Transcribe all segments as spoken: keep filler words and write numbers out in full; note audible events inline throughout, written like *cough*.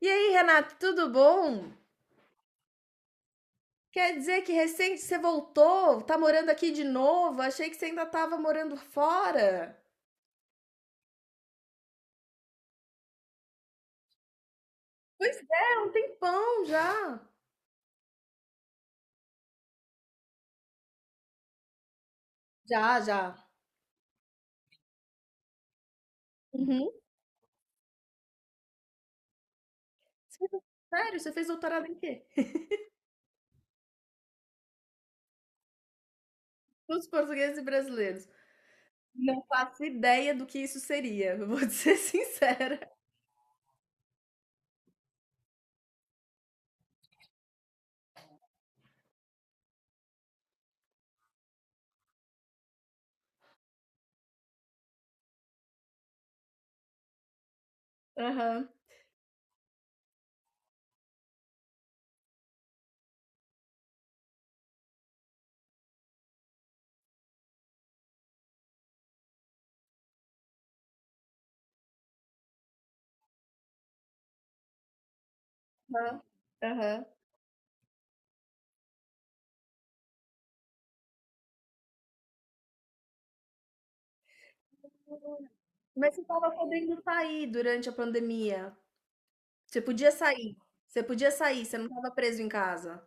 E aí, Renato, tudo bom? Quer dizer que recente você voltou, tá morando aqui de novo? Achei que você ainda tava morando fora. Pois é, um tempão já. Já, já. Uhum. Você fez- Sério, você fez doutorado em quê? Estudos portugueses e brasileiros. Não faço ideia do que isso seria, eu vou *laughs* te ser sincera. Aham, aham, aham. Mas você tava podendo sair durante a pandemia. Você podia sair. Você podia sair, você não tava preso em casa.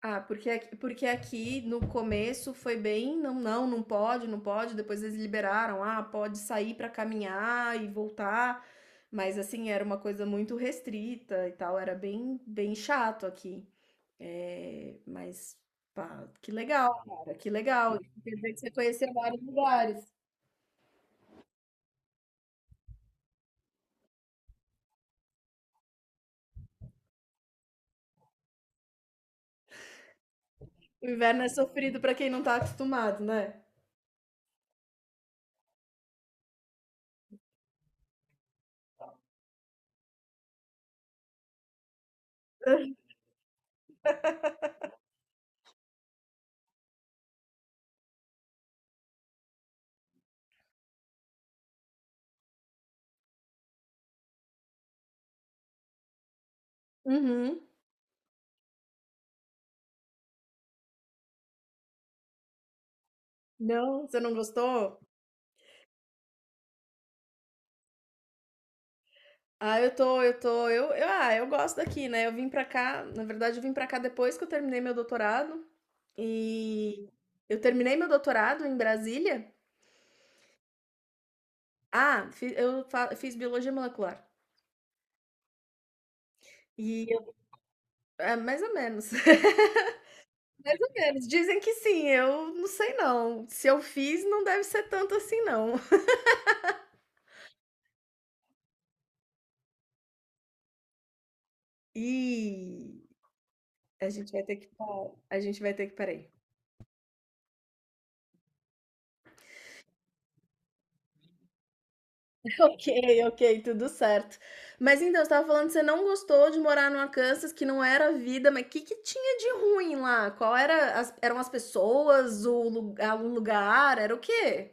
Ah, porque aqui, porque aqui no começo foi bem, não, não, não pode, não pode. Depois eles liberaram, ah, pode sair pra caminhar e voltar. Mas assim, era uma coisa muito restrita e tal, era bem, bem chato aqui. É, mas, pá, que legal, cara, que legal. Isso. Quer dizer que você conheceu vários lugares. O inverno é sofrido pra quem não tá acostumado, né? Uhum. Não, você não gostou? Ah, eu tô, eu tô, eu, eu, ah, eu gosto daqui, né? Eu vim pra cá, na verdade, eu vim pra cá depois que eu terminei meu doutorado e eu terminei meu doutorado em Brasília. Ah, fi- eu fa- fiz biologia molecular. E eu, é, mais ou menos. *laughs* Mais ou menos. Dizem que sim, eu não sei não. Se eu fiz, não deve ser tanto assim não. E a gente vai ter que parar. A gente vai ter que parar. *laughs* Ok, ok, tudo certo. Mas então, você estava falando que você não gostou de morar no Arkansas, que não era a vida, mas o que que tinha de ruim lá? Qual era as- eram as pessoas, o lu- a- o lugar, era o quê?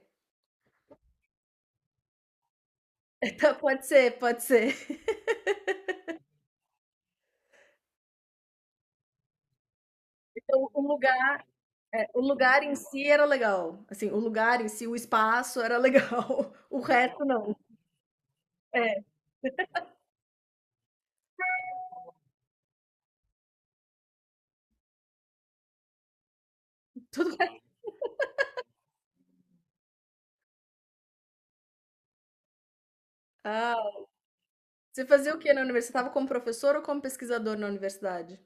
*laughs* Tá, pode ser, pode ser. Então, o lugar, é, o lugar em si era legal. Assim, o lugar em si, o espaço era legal. *laughs* O resto não. É. Ah, você fazia o quê na universidade? Você estava como professor ou como pesquisador na universidade?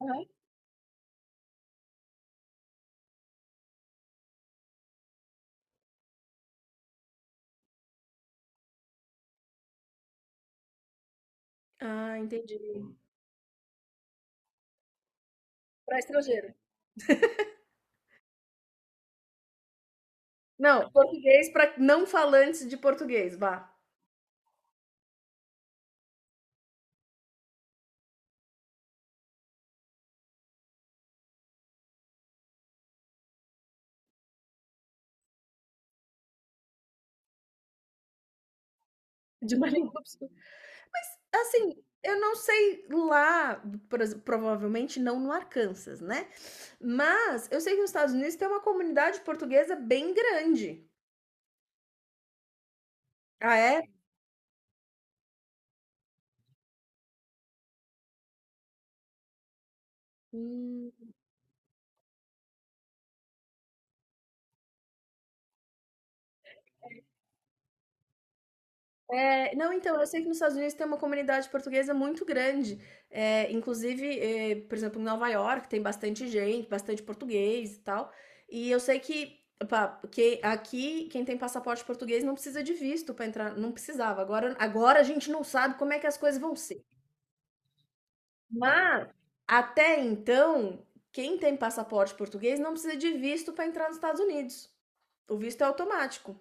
Aham. Ah, entendi. Para estrangeiro. Não, português para não falantes de português, vá. De uma *laughs* língua obscura. Assim, eu não sei lá, por ex- provavelmente não no Arkansas, né? Mas eu sei que os Estados Unidos tem uma comunidade portuguesa bem grande. Ah, é? É, não, então, eu sei que nos Estados Unidos tem uma comunidade portuguesa muito grande. É, inclusive, é, por exemplo, em Nova York tem bastante gente, bastante português e tal. E eu sei que, opa, que aqui quem tem passaporte português não precisa de visto para entrar, não precisava. Agora, agora a gente não sabe como é que as coisas vão ser. Mas até então, quem tem passaporte português não precisa de visto para entrar nos Estados Unidos. O visto é automático.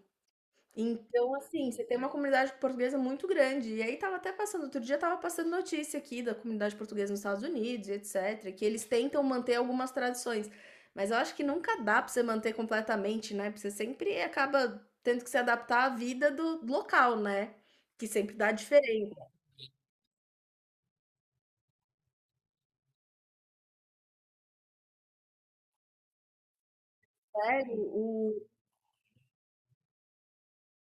Então, assim, você tem uma comunidade portuguesa muito grande. E aí tava até passando, outro dia tava passando notícia aqui da comunidade portuguesa nos Estados Unidos, e etc, que eles tentam manter algumas tradições, mas eu acho que nunca dá pra você manter completamente, né? Porque você sempre acaba tendo que se adaptar à vida do local, né? Que sempre dá diferente, né? O, o-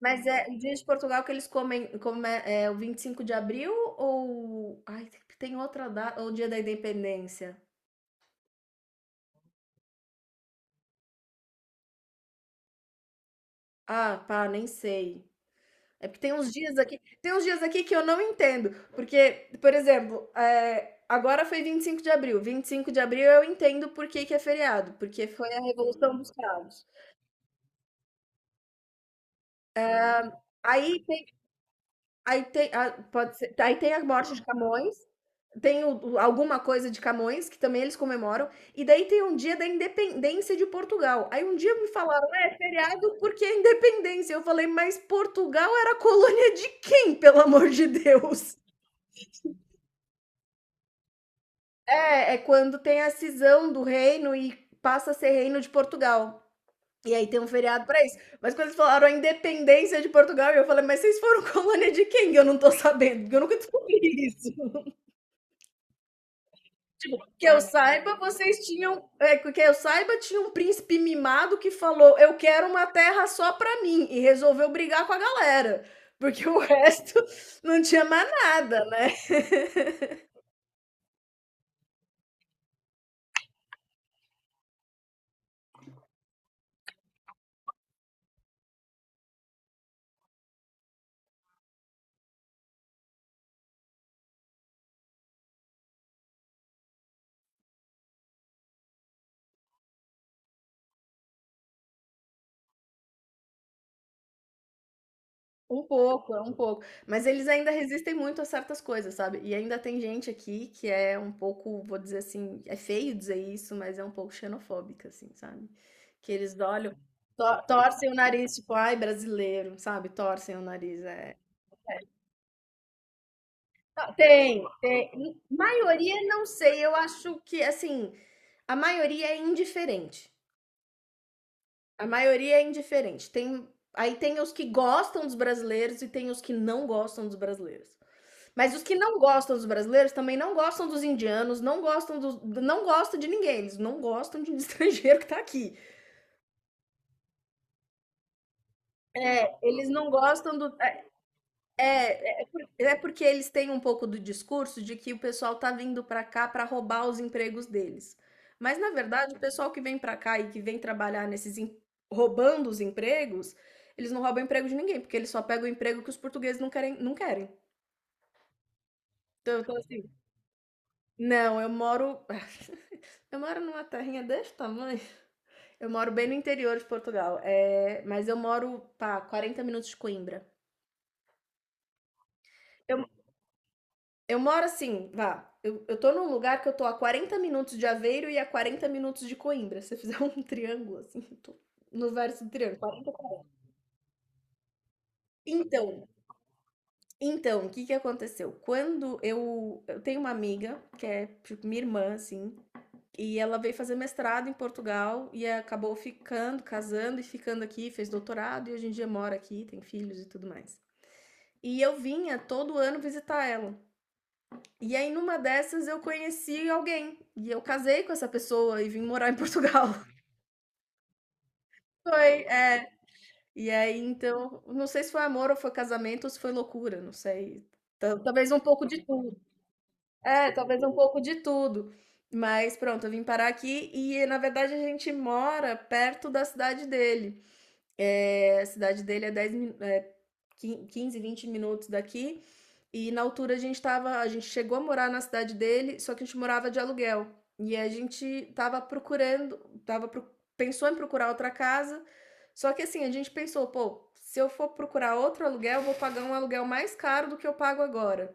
mas é o dia de Portugal que eles comem, come, é é o vinte e cinco de abril ou ai, tem tem outra data, ou o dia da Independência? Ah, pá, nem sei. É porque tem uns dias aqui, tem uns dias aqui que eu não entendo, porque, por exemplo, é, agora foi vinte e cinco de abril. Vinte e cinco de abril eu entendo por que que é feriado, porque foi a Revolução dos Cravos. Aí tem, aí tem, a- pode ser, aí tem a morte de Camões, tem o- o- alguma coisa de Camões, que também eles comemoram, e daí tem um dia da independência de Portugal. Aí um dia me falaram, é feriado porque é independência. Eu falei, mas Portugal era colônia de quem, pelo amor de Deus? É, é quando tem a cisão do reino e passa a ser reino de Portugal. E aí tem um feriado pra isso. Mas quando eles falaram a independência de Portugal, eu falei, mas vocês foram colônia de quem? Eu não tô sabendo, porque eu nunca descobri isso. *laughs* Que eu saiba, vocês tinham. É, que eu saiba, tinha um príncipe mimado que falou: eu quero uma terra só pra mim. E resolveu brigar com a galera. Porque o resto *laughs* não tinha mais nada, né? Um pouco, é um pouco. Mas eles ainda resistem muito a certas coisas, sabe? E ainda tem gente aqui que é um pouco, vou dizer assim, é feio dizer isso, mas é um pouco xenofóbica, assim, sabe? Que eles olham, to- torcem o nariz, tipo, ai, brasileiro, sabe? Torcem o nariz, é. Não, tem, tem. Maioria, não sei, eu acho que, assim, a maioria é indiferente. A maioria é indiferente. Tem, aí tem os que gostam dos brasileiros e tem os que não gostam dos brasileiros. Mas os que não gostam dos brasileiros também não gostam dos indianos, não gostam dos não gosta de ninguém, eles não gostam de um *laughs* estrangeiro que tá aqui. Eles não gostam do é é é por é porque eles têm um pouco do discurso de que o pessoal tá vindo pra cá pra roubar os empregos deles. Mas na verdade o pessoal que vem pra cá e que vem trabalhar nesses em roubando os empregos, eles não roubam emprego de ninguém, porque eles só pegam o emprego que os portugueses não querem não querem. Então eu tô assim não, eu moro *laughs* eu moro numa terrinha desse tamanho. Eu moro bem no interior de Portugal, é, mas eu moro, pá, quarenta minutos de Coimbra. Eu, eu moro assim, vá. Eu, eu tô num lugar que eu tô a quarenta minutos de Aveiro e a quarenta minutos de Coimbra. Se você fizer *laughs* um triângulo, assim, eu tô no verso do triângulo. quarenta. Então, então, o que que aconteceu? Quando eu, eu tenho uma amiga, que é tipo minha irmã, assim, e ela veio fazer mestrado em Portugal e acabou ficando, casando e ficando aqui, fez doutorado e hoje em dia mora aqui, tem filhos e tudo mais. E eu vinha todo ano visitar ela. E aí, numa dessas, eu conheci alguém. E eu casei com essa pessoa e vim morar em Portugal. *laughs* Foi, é. E aí, então, não sei se foi amor ou foi casamento ou se foi loucura, não sei. Tal- Talvez um pouco de tudo. É, talvez um pouco de tudo. Mas pronto, eu vim parar aqui e, na verdade, a gente mora perto da cidade dele. É, a cidade dele é dez, min- é, quin- quinze, vinte minutos daqui. E na altura a gente tava, a gente chegou a morar na cidade dele, só que a gente morava de aluguel. E a gente tava procurando, tava pro- pensou em procurar outra casa. Só que assim, a gente pensou, pô, se eu for procurar outro aluguel, eu vou pagar um aluguel mais caro do que eu pago agora.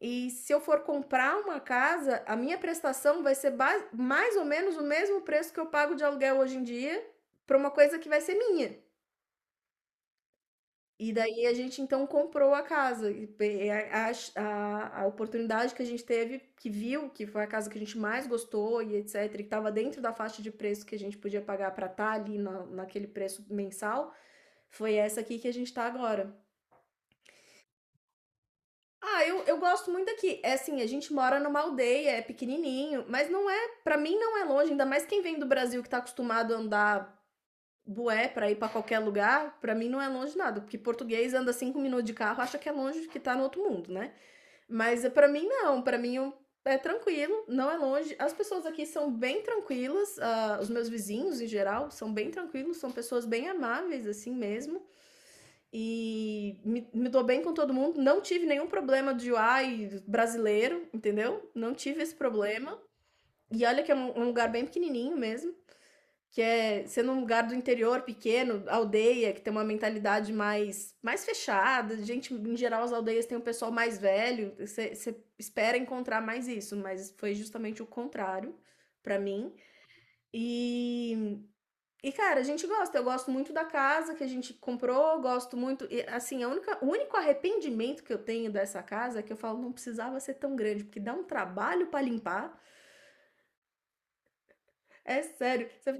E se eu for comprar uma casa, a minha prestação vai ser ba- mais ou menos o mesmo preço que eu pago de aluguel hoje em dia para uma coisa que vai ser minha. E daí a gente então comprou a casa, e pe a a a oportunidade que a gente teve, que viu que foi a casa que a gente mais gostou e etcétera, e que estava dentro da faixa de preço que a gente podia pagar para estar ali na naquele preço mensal, foi essa aqui que a gente está agora. Ah, eu eu gosto muito daqui. É assim, a gente mora numa aldeia, é pequenininho, mas não é, pra mim não é longe, ainda mais quem vem do Brasil que tá acostumado a andar bué pra ir pra qualquer lugar, pra mim não é longe nada. Porque português anda cinco minutos de carro, acha que é longe, que tá no outro mundo, né? Mas é, pra mim não, pra mim é tranquilo, não é longe. As pessoas aqui são bem tranquilas, ah, os meus vizinhos em geral são bem tranquilos, são pessoas bem amáveis assim mesmo. E me, me dou bem com todo mundo, não tive nenhum problema de ai brasileiro, entendeu? Não tive esse problema. E olha que é um um lugar bem pequenininho mesmo, que é sendo um lugar do interior pequeno, aldeia, que tem uma mentalidade mais, mais fechada. Gente, em geral, as aldeias têm um pessoal mais velho. Você espera encontrar mais isso, mas foi justamente o contrário para mim. E, e, cara, a gente gosta. Eu gosto muito da casa que a gente comprou, gosto muito. E, assim, a única, o único arrependimento que eu tenho dessa casa é que eu falo, não precisava ser tão grande, porque dá um trabalho para limpar. É sério. Você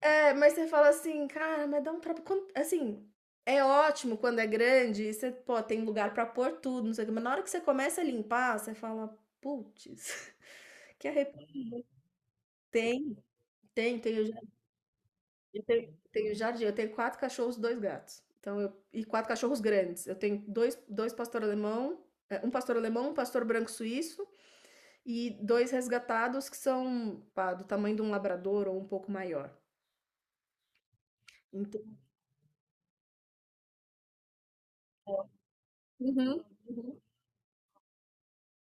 É, mas você fala assim: "Cara, mas dá um traba" quan assim, é ótimo quando é grande e você, pô, tem lugar pra pôr tudo, não sei o quê, mas na hora que você começa a limpar, você fala: putz. *laughs* que arre" Tem, tem, tem o jardim, eu tenho tenho jardim, eu tenho quatro cachorros, dois gatos, então eu e quatro cachorros grandes, eu tenho dois, dois pastor alemão, eh, um pastor alemão, um pastor branco suíço e dois resgatados que são, pá, do tamanho de um labrador ou um pouco maior. Então uhum, uhum.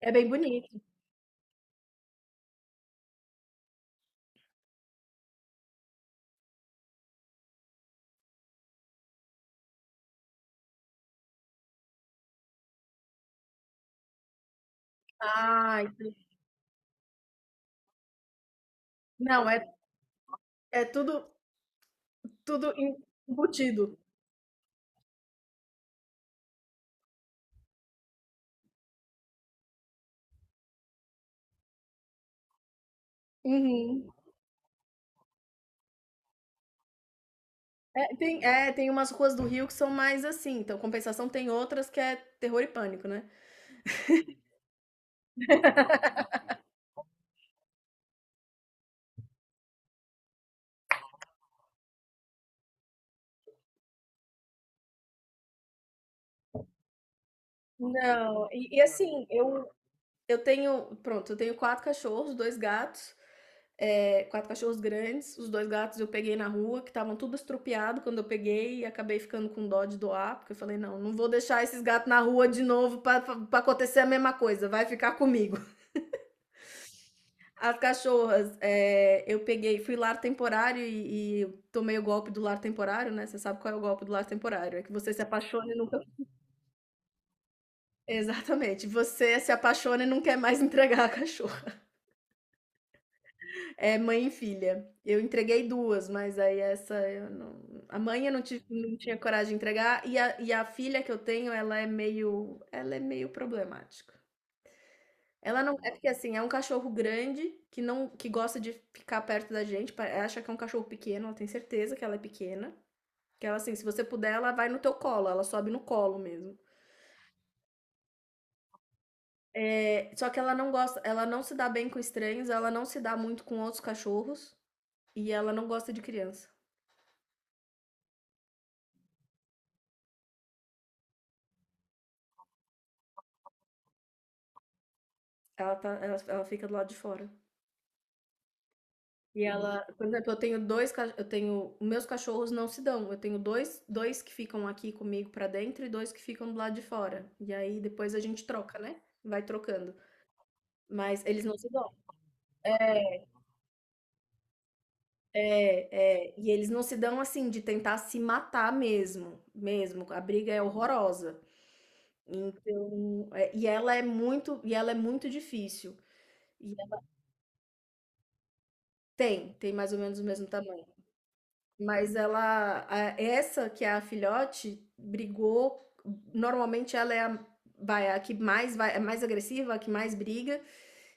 É bem bonito. Ah, entendi. Não, é é tudo tudo em embutido. Uhum. É, tem é, tem umas ruas do Rio que são mais assim, então compensação tem outras que é terror e pânico, né. Não, e e assim, eu eu tenho pronto, eu tenho quatro cachorros, dois gatos, eh, quatro cachorros grandes, os dois gatos eu peguei na rua, que estavam tudo estrupiado quando eu peguei e acabei ficando com dó de doar, porque eu falei: "Não, não vou deixar esses gatos na rua de novo para pra acontecer a mesma coisa, vai ficar comigo". As cachorras, eh, eu peguei, fui lar temporário e, e tomei o golpe do lar temporário, né? Você sabe qual é o golpe do lar temporário? É que você se apaixona e nunca. *laughs* Exatamente. Você se apaixona e não quer mais *laughs* entregar a cachorra. É mãe e filha. Eu entreguei duas, mas aí essa eu não... A mãe eu não, tive, não tinha coragem de entregar, e a, e a filha que eu tenho, ela é meio. Ela é meio problemática. Ela não. É porque assim, é um cachorro grande que não que gosta de ficar perto da gente. pa- Ela acha que é um cachorro pequeno, ela tem certeza que ela é pequena. Que ela, assim, se você puder, ela vai no teu colo, ela sobe no colo mesmo. É, só que ela não gosta, ela não se dá bem com estranhos, ela não se dá muito com outros cachorros e ela não gosta de criança. Ela, tá, ela, ela fica do lado de fora. E ela, por exemplo, eu tenho dois ca eu tenho meus cachorros não se dão, eu tenho dois dois que ficam aqui comigo pra dentro e dois que ficam do lado de fora. E aí depois a gente troca, né, vai trocando. Mas eles não se dão. É, é, é. E eles não se dão assim de tentar se matar mesmo, mesmo. A briga é horrorosa. Então, é, e ela é muito, e ela é muito difícil. E tem, tem mais ou menos o mesmo tamanho. Mas ela, a- essa que é a filhote, brigou. Normalmente ela é a, vai, a que mais vai, é mais agressiva, a que mais briga,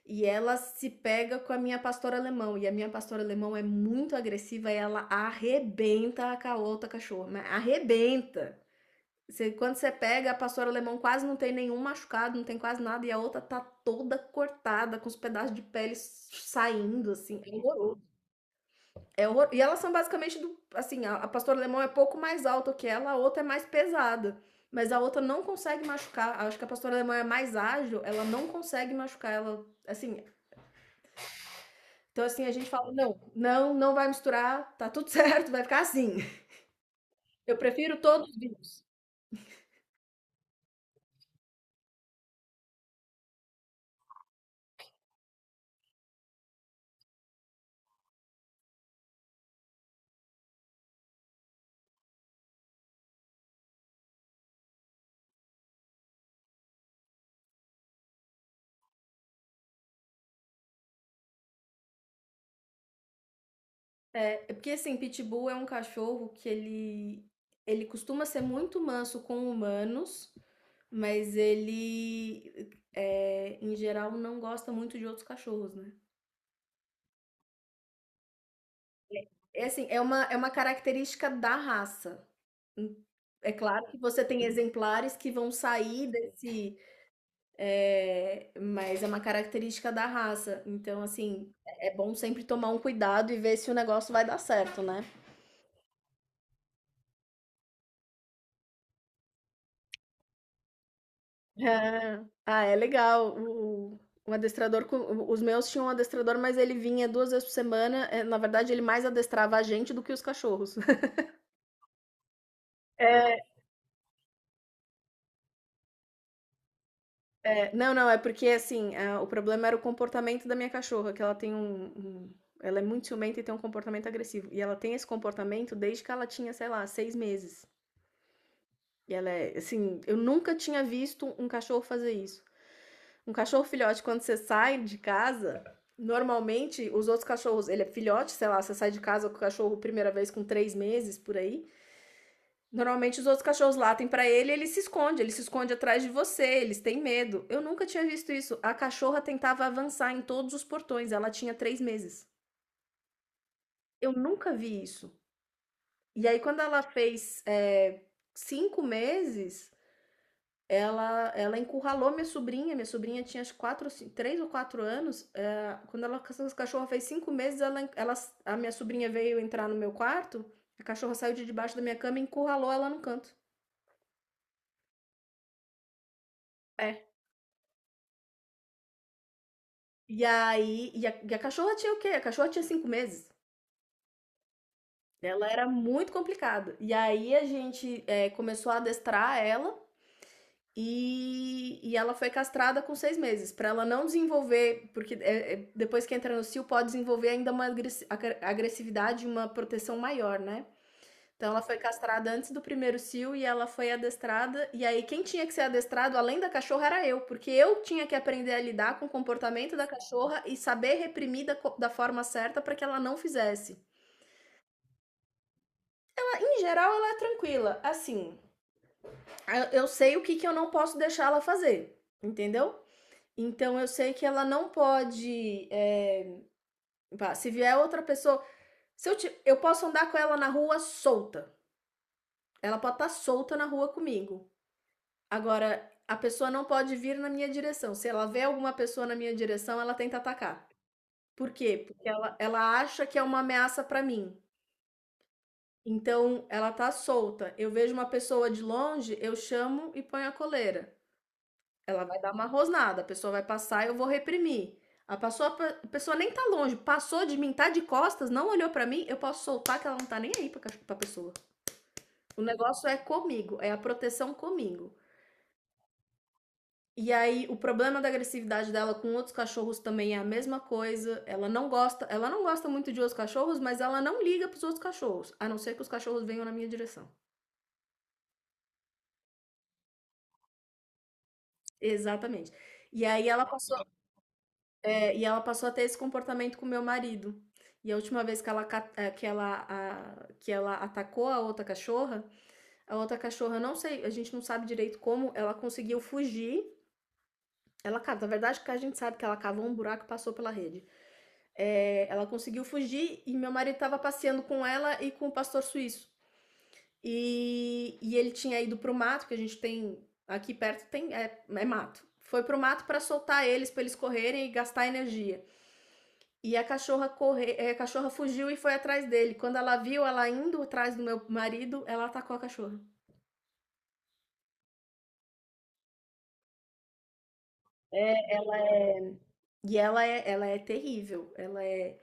e ela se pega com a minha pastora alemão. E a minha pastora alemão é muito agressiva e ela arrebenta a ca- outra cachorra, mas arrebenta. Você- quando você pega, a pastora alemão quase não tem nenhum machucado, não tem quase nada, e a outra tá toda cortada, com os pedaços de pele saindo, assim. É horroroso. É horror- E elas são basicamente do. Assim, a, a pastora alemão é pouco mais alta que ela, a outra é mais pesada. Mas a outra não consegue machucar. Acho que a pastora alemã é mais ágil, ela não consegue machucar. Ela, assim. Então, assim, a gente fala: não, não, não vai misturar, tá tudo *laughs* certo, vai ficar assim. Eu prefiro todos vivos. É, é porque, assim, Pitbull é um cachorro que ele. Ele costuma ser muito manso com humanos, mas ele, é, em geral, não gosta muito de outros cachorros, né? É assim, é uma é uma característica da raça. Hum, é claro que você tem exemplares que vão sair desse, eh, mas é uma característica da raça. Então, assim, é é bom sempre tomar um cuidado e ver se o negócio vai dar certo, né. *laughs* É. Ah, é legal. O o adestrador co os meus tinham um adestrador, mas ele vinha duas vezes por semana, eh, na verdade ele mais adestrava a gente do que os cachorros. *laughs* É, não, não, é porque assim, ah, o problema era o comportamento da minha cachorra, que ela tem um, um- Ela é muito ciumenta e tem um comportamento agressivo. E ela tem esse comportamento desde que ela tinha, sei lá, seis meses. E ela é, assim, eu nunca tinha visto um cachorro fazer isso. Um cachorro filhote, quando você sai de casa, normalmente os outros cachorros, ele é filhote, sei lá, você sai de casa com o cachorro primeira vez com três meses por aí. Normalmente os outros cachorros latem pra ele, e ele se esconde, ele se esconde atrás de você, eles têm medo. Eu nunca tinha visto isso. A cachorra tentava avançar em todos os portões, ela tinha três meses. Eu nunca vi isso. E aí, quando ela fez eh, cinco meses, ela, ela encurralou minha sobrinha. Minha sobrinha tinha acho, quatro, ou cin- três ou quatro anos. Eh, quando ela, essa cachorra fez cinco meses, ela, en- ela, a minha sobrinha veio entrar no meu quarto, a cachorra saiu de debaixo da minha cama e encurralou ela no canto. É, e aí, e a, e a cachorra tinha o quê? A cachorra tinha cinco meses. Ela era muito complicada. E aí a gente eh, começou a adestrar ela e, e ela foi castrada com seis meses, pra ela não desenvolver, porque eh, eh, depois que entra no cio pode desenvolver ainda uma agressi- agre- agressividade, e uma proteção maior, né? Então ela foi castrada antes do primeiro cio e ela foi adestrada. E aí quem tinha que ser adestrado além da cachorra era eu, porque eu tinha que aprender a lidar com o comportamento da cachorra e saber reprimir da, co- da forma certa para que ela não fizesse. Ah, em geral ela é tranquila, assim, eu- sei o que, que eu não posso deixar ela fazer, entendeu? Então eu sei que ela não pode, é, pá, se vier outra pessoa, se eu, ti- eu posso andar com ela na rua solta. Ela pode estar solta na rua comigo. Agora, a pessoa não pode vir na minha direção. Se ela vê alguma pessoa na minha direção, ela tenta atacar. Por quê? Porque ela, ela acha que é uma ameaça para mim. Então, ela tá solta. Eu vejo uma pessoa de longe, eu chamo e ponho a coleira. Ela vai dar uma rosnada, a pessoa vai passar, e eu vou reprimir. A pessoa, a pessoa nem tá longe, passou de mim, tá de costas, não olhou pra mim, eu posso soltar que ela não tá nem aí pra, cach- pra pessoa. O negócio é comigo, é a proteção comigo. E aí, o problema da agressividade dela com outros cachorros também é a mesma coisa. Ela não gosta, ela não gosta muito de outros cachorros, mas ela não liga para os outros cachorros, a não ser que os cachorros venham na minha direção. Exatamente. E aí ela passou, é, e ela passou a ter esse comportamento com meu marido. E a última vez que ela, ca- eh, que ela, a- que ela atacou a outra cachorra, a outra cachorra, não sei, a gente não sabe direito como, ela conseguiu fugir. Ela, ca- na verdade, que a gente sabe que ela cavou um buraco e passou pela rede. É, ela conseguiu fugir e meu marido estava passeando com ela e com o pastor suíço. E, e ele tinha ido para o mato, que a gente tem aqui perto, tem é, é mato. Foi para o mato para soltar eles, para eles correrem e gastar energia. E a cachorra corre, é, a cachorra fugiu e foi atrás dele. Quando ela viu ela indo atrás do meu marido, ela atacou a cachorra. É, e ela é, ela é terrível. Ela é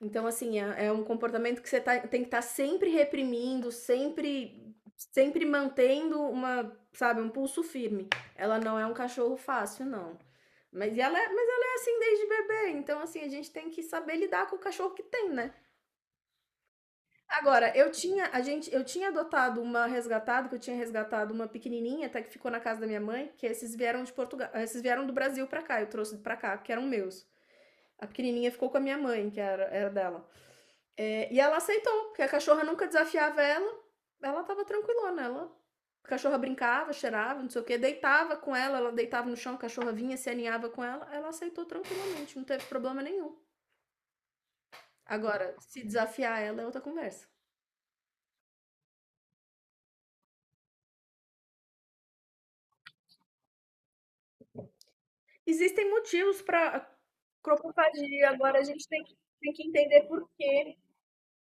então, assim, é, é um comportamento que você tá- tem que estar sempre reprimindo, sempre, sempre mantendo uma, sabe, um pulso firme. Ela não é um cachorro fácil, não. Mas ela, é- mas ela é assim desde bebê, então assim, a gente tem que saber lidar com o cachorro que tem, né? Agora, eu tinha, a gente, eu tinha adotado uma resgatada, que eu tinha resgatado uma pequenininha, até que ficou na casa da minha mãe, que esses vieram de Portugal, esses vieram do Brasil pra cá, eu trouxe pra cá, que eram meus. A pequenininha ficou com a minha mãe, que era, era dela. É, e ela aceitou, porque a cachorra nunca desafiava ela, ela tava tranquilona, ela. A cachorra brincava, cheirava, não sei o que, deitava com ela, ela deitava no chão, a cachorra vinha, se aninhava com ela, ela aceitou tranquilamente, não teve problema nenhum. Agora, se desafiar ela é outra conversa. Existem motivos para cropofagia, agora a gente tem que, tem que entender por quê.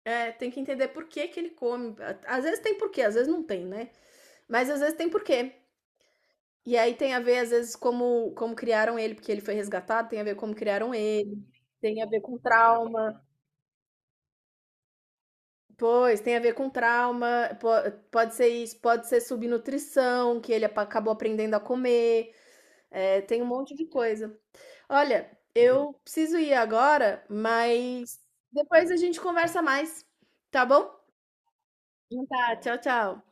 É, tem que entender por que que ele come. Às vezes tem porquê, às vezes não tem, né? Mas às vezes tem porquê. E aí tem a ver, às vezes, como, como criaram ele, porque ele foi resgatado, tem a ver como criaram ele, tem a ver com trauma. Pois, tem a ver com trauma, po- pode ser isso, pode ser subnutrição, que ele apa- acabou aprendendo a comer, é, tem um monte de coisa. Olha, eu preciso ir agora, mas depois a gente conversa mais, tá bom? Então Tá, tchau, tchau.